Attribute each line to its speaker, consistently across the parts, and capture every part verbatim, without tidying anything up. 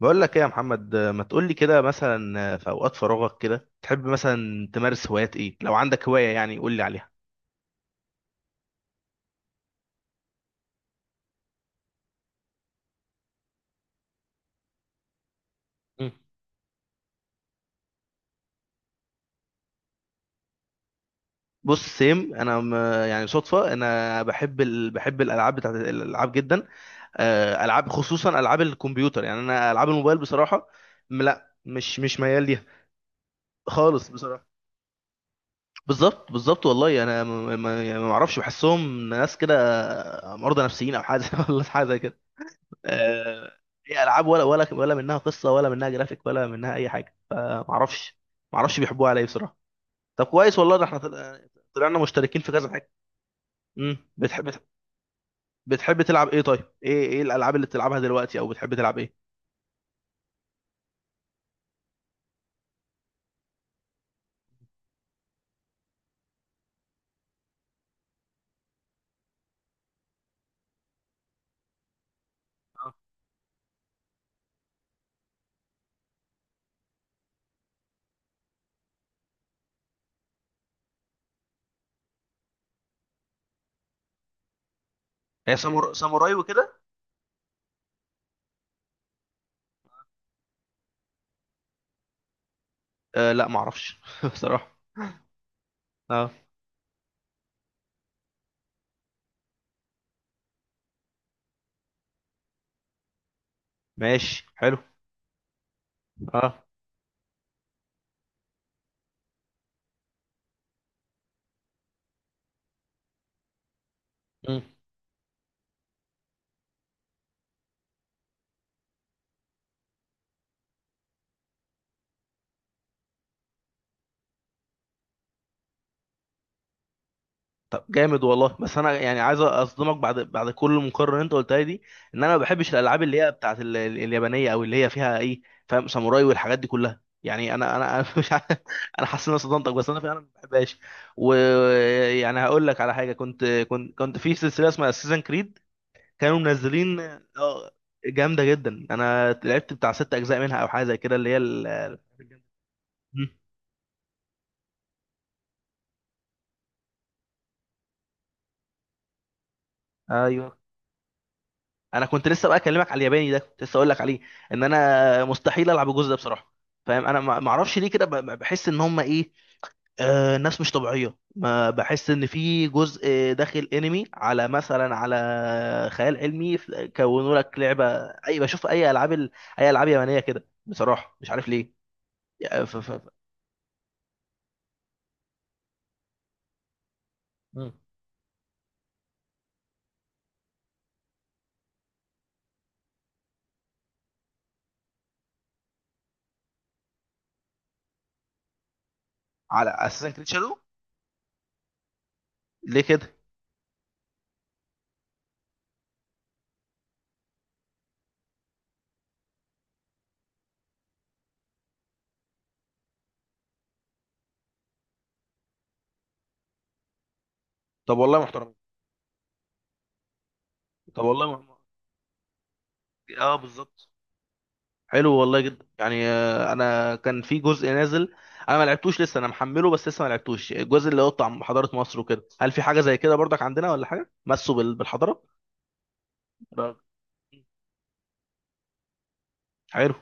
Speaker 1: بقول لك ايه يا محمد؟ ما تقول لي كده، مثلا في اوقات فراغك كده تحب مثلا تمارس هوايات ايه؟ لو عندك هواية يعني قول لي عليها. مم. بص سيم، انا م- يعني صدفة انا بحب ال... بحب الالعاب، بتاعت الالعاب جدا. آه، العاب، خصوصا العاب الكمبيوتر. يعني انا العاب الموبايل بصراحة م- لا، مش مش ميال ليها خالص بصراحة. بالظبط بالظبط، والله انا ما ما- يعني ما اعرفش، بحسهم ناس كده مرضى نفسيين او حاجة، ولا حاجة. آه، هي العاب ولا ولا ولا منها قصه، ولا منها جرافيك، ولا منها اي حاجه. ما اعرفش. ما اعرفش بيحبوها على ايه بصراحه. طب كويس والله، ده احنا طل- طلعنا مشتركين في كذا حاجه. امم بتحب بتح- بتحب تلعب ايه؟ طيب ايه ايه الالعاب اللي بتلعبها دلوقتي، او بتحب تلعب ايه؟ آه. هي سامور... ساموراي وكده؟ آه لا، ما اعرفش بصراحه. اه، ماشي حلو. اه. مم. طب جامد والله. بس انا يعني عايز اصدمك، بعد بعد كل المقارنه اللي انت قلتها لي دي، ان انا ما بحبش الالعاب اللي هي بتاعت ال- ال- اليابانيه، او اللي هي فيها ايه، فاهم؟ ساموراي والحاجات دي كلها. يعني انا انا أنا مش عارف. انا حاسس ان انا صدمتك، بس انا فعلا ما بحبهاش. ويعني هقول لك على حاجه، كنت كنت كنت في سلسله اسمها سيزن كريد، كانوا منزلين. اه، جامده جدا. انا لعبت بتاع ست اجزاء منها او حاجه زي كده، اللي هي ال- ال- مم. ايوه، انا كنت لسه بقى اكلمك على الياباني ده، كنت لسه اقول لك عليه، ان انا مستحيل العب الجزء ده بصراحه، فاهم؟ انا ما ما اعرفش ليه كده، ب- ب- بحس ان هم ايه، آه، ناس مش طبيعيه. ما بحس ان في جزء داخل انمي، على مثلا على خيال علمي، ف- كونوا لك لعبه. اي بشوف اي العاب ال- اي العاب يابانيه كده بصراحه مش عارف ليه يعني. ف ف ف- مم. على اساسن كريد شادو. ليه كده؟ طب والله محترم. طب والله م... م- اه بالظبط. حلو والله جدا. يعني آه، انا كان في جزء نازل، انا ما لعبتوش لسه، انا محمله بس لسه ما لعبتوش، الجزء اللي هو بتاع حضارة مصر وكده. هل في حاجة زي كده برضك عندنا، ولا حاجة مسوا بال- بالحضارة؟ راجل، حلو.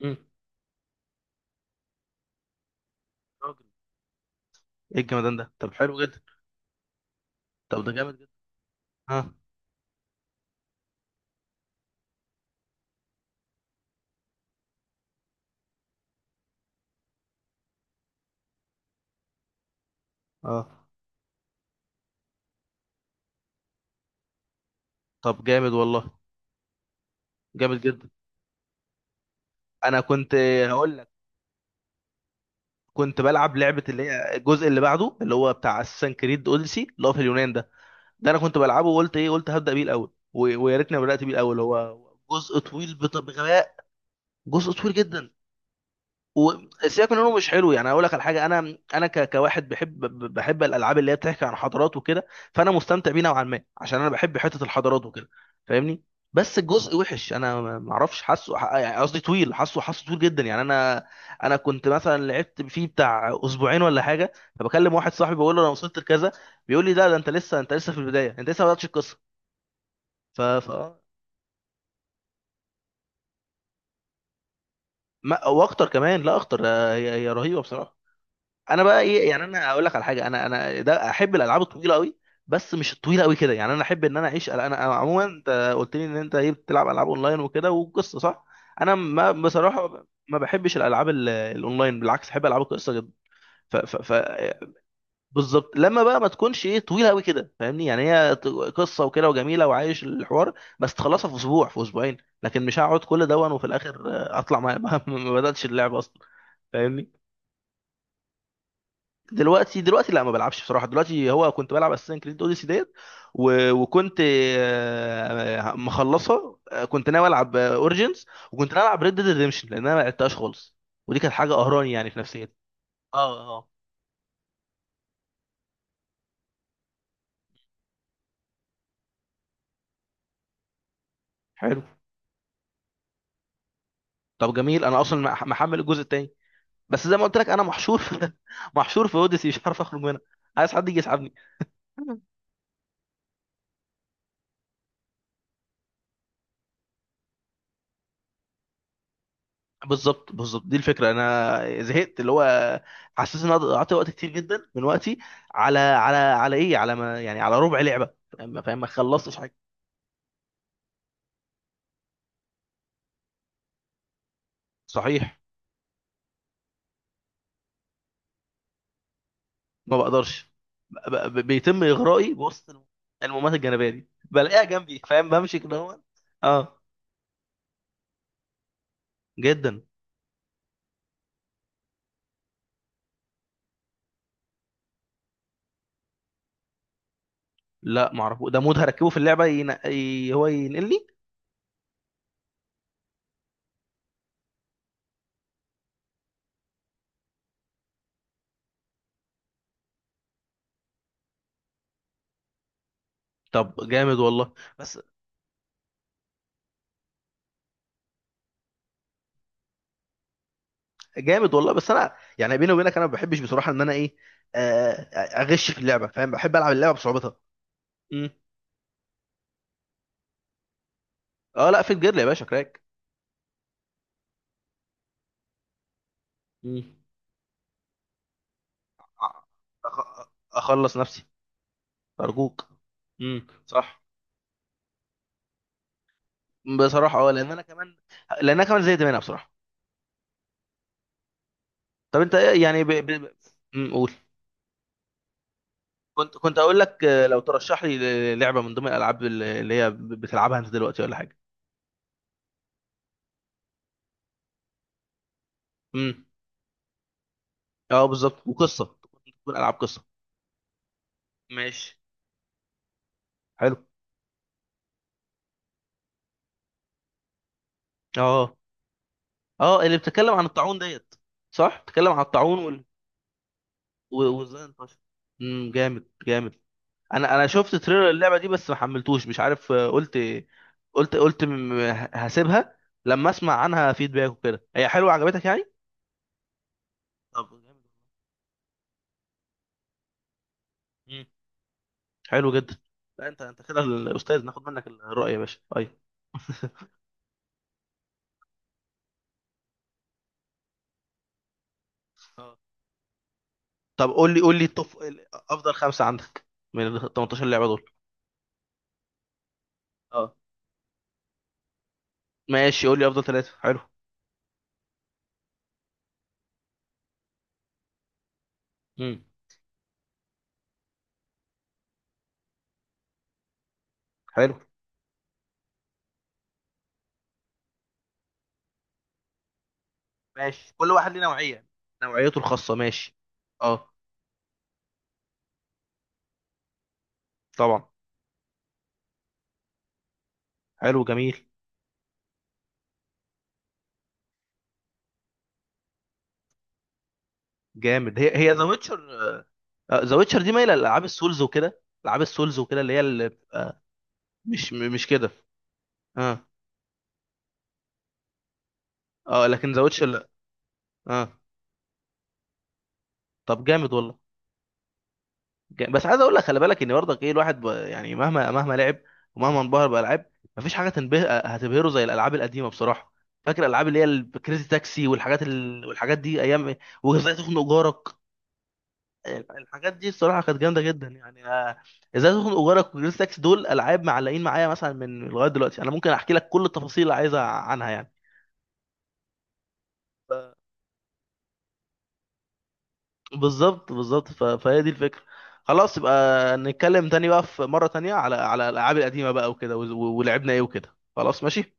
Speaker 1: مم. راجل، ايه الجمدان ده؟ طب حلو جدا. طب ده جامد جدا. ها. اه. طب جامد والله، جامد جدا. انا كنت هقول لك، كنت بلعب لعبة اللي هي الجزء اللي بعده، اللي هو بتاع اساسن كريد اوديسي، اللي هو في اليونان ده. ده انا كنت بلعبه، وقلت ايه، قلت هبدا بيه الاول، و- ويا ريتني ما بدات بيه الاول. هو جزء طويل بط- بغباء، جزء طويل جدا. وسيبك من انه مش حلو، يعني اقول لك على حاجه، انا انا ك- كواحد بحب ب- بحب الالعاب اللي هي بتحكي عن حضارات وكده، فانا مستمتع بيه نوعا ما، عشان انا بحب حته الحضارات وكده، فاهمني. بس الجزء وحش، انا ما ما اعرفش. حاسه ح- يعني قصدي طويل. حاسه حاسه طويل جدا يعني. انا انا كنت مثلا لعبت فيه بتاع اسبوعين ولا حاجه، فبكلم واحد صاحبي، بقول له انا وصلت لكذا، بيقول لي ده ده انت لسه، انت لسه في البدايه، انت لسه ما بداتش القصه. ف ف ما واخطر كمان، لا اخطر. آه، هي هي رهيبه بصراحه. انا بقى ايه، يعني انا اقول لك على حاجه، انا انا ده احب الالعاب الطويله قوي، بس مش الطويله قوي كده، يعني انا احب ان انا اعيش. انا أنا عموما انت قلت لي ان انت ايه، بتلعب العاب اونلاين وكده وقصه، صح؟ انا، ما بصراحه ما بحبش الالعاب ال- الاونلاين، بالعكس احب العاب القصه جدا. بالظبط، لما بقى ما تكونش ايه طويله قوي كده، فاهمني؟ يعني هي ت- قصه وكده، وجميله وعايش الحوار، بس تخلصها في اسبوع في اسبوعين، لكن مش هقعد كل ده، وفي الاخر آه، اطلع ما, ما ما بداتش اللعب اصلا، فاهمني؟ دلوقتي، دلوقتي لا ما بلعبش بصراحه. دلوقتي هو كنت بلعب اساسن كريد اوديسي ديت، و- وكنت آه، مخلصه. آه، كنت ناوي العب اوريجينز، وكنت ناوي العب ريد ديد ريديمشن، لان انا ما لعبتهاش خالص، ودي كانت حاجه قهراني يعني في نفسيتي. اه اه. حلو. طب جميل، انا اصلا مح- محمل الجزء التاني، بس زي ما قلت لك، انا محشور في محشور في اوديسي، مش عارف اخرج منها. عايز حد يجي يسحبني. بالظبط بالظبط، دي الفكره. انا زهقت، اللي هو حسيت ان انا قعدت وقت كتير جدا من وقتي على على على ايه، على ما يعني على ربع لعبه، فاهم فاهم؟ ما خلصتش حاجه. صحيح. ما بقدرش، ب- ب- بيتم اغرائي بوسط الم- المهمات الجانبيه دي، بلاقيها جنبي فاهم، بمشي كده. هو اه جدا. لا ما اعرفه ده. مود هركبه في اللعبه ين... ي... هو ينقلني. طب جامد والله. بس جامد والله. بس انا يعني بيني وبينك، انا ما بحبش بصراحه ان انا ايه، آه، اغش في اللعبه، فاهم؟ بحب العب اللعبه بصعوبتها. مم. اه، لا في الجير يا باشا، كراك. مم. أخ- اخلص نفسي، ارجوك. مم. صح. بصراحه اه، لان انا كمان، لان انا كمان زهقت منها بصراحه. طب انت ايه يعني ب... ب... ب- أمم، قول. كنت كنت اقول لك، آه، لو ترشح لي لعبه من ضمن الالعاب اللي هي بتلعبها انت دلوقتي، ولا حاجه. مم. اه بالظبط، وقصه. تكون العاب قصه. ماشي، حلو. اه. اه، اللي بتتكلم عن الطاعون ديت؟ صح، بتتكلم عن الطاعون وال... و- وازاي انتشر. امم، جامد جامد. انا انا شفت تريلر اللعبه دي، بس ما حملتوش، مش عارف. آه، قلت، قلت قلت م- م- هسيبها لما اسمع عنها فيدباك وكده. هي حلوه عجبتك يعني؟ طب جامد. مم. حلو جدا. لا انت، انت كده الاستاذ، ناخد منك الرأي يا باشا، ايوه. اه. طب قول لي، قول لي التوب ال- افضل خمسه عندك، من ال ثمانية عشر لعبه دول. اه، ماشي، قول لي افضل ثلاثه، حلو. امم. حلو. ماشي، كل واحد ليه نوعية، نوعيته الخاصة، ماشي. اه. طبعا. حلو، جميل. جامد. هي هي ذا ويتشر. ذا ويتشر دي مايلة لألعاب السولز وكده، ألعاب السولز وكده، اللي هي اللي بتبقى، مش م- مش كده؟ اه. اه، لكن ذا ويتشر لا. اه. طب جامد والله. جامد. بس عايز اقول لك خلي بالك ان برضك ايه، الواحد ب... يعني مهما مهما لعب، ومهما انبهر بالالعاب، مفيش حاجه تنبه هتبهره زي الالعاب القديمه بصراحه. فاكر الالعاب اللي هي الكريزي تاكسي والحاجات ال... والحاجات دي ايام؟ وازاي تخنق جارك. الحاجات دي الصراحه كانت جامده جدا يعني. آه، ازاي تخنق جارك، وجريس تاكس، دول العاب معلقين معايا مثلا من لغايه دلوقتي، انا ممكن احكي لك كل التفاصيل اللي عايزها عنها يعني. بالظبط بالظبط، ف- فهي دي الفكره. خلاص، يبقى نتكلم تاني بقى في مره تانية على على الالعاب القديمه بقى وكده، وز- ولعبنا ايه وكده، خلاص، ماشي.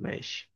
Speaker 1: ماشي.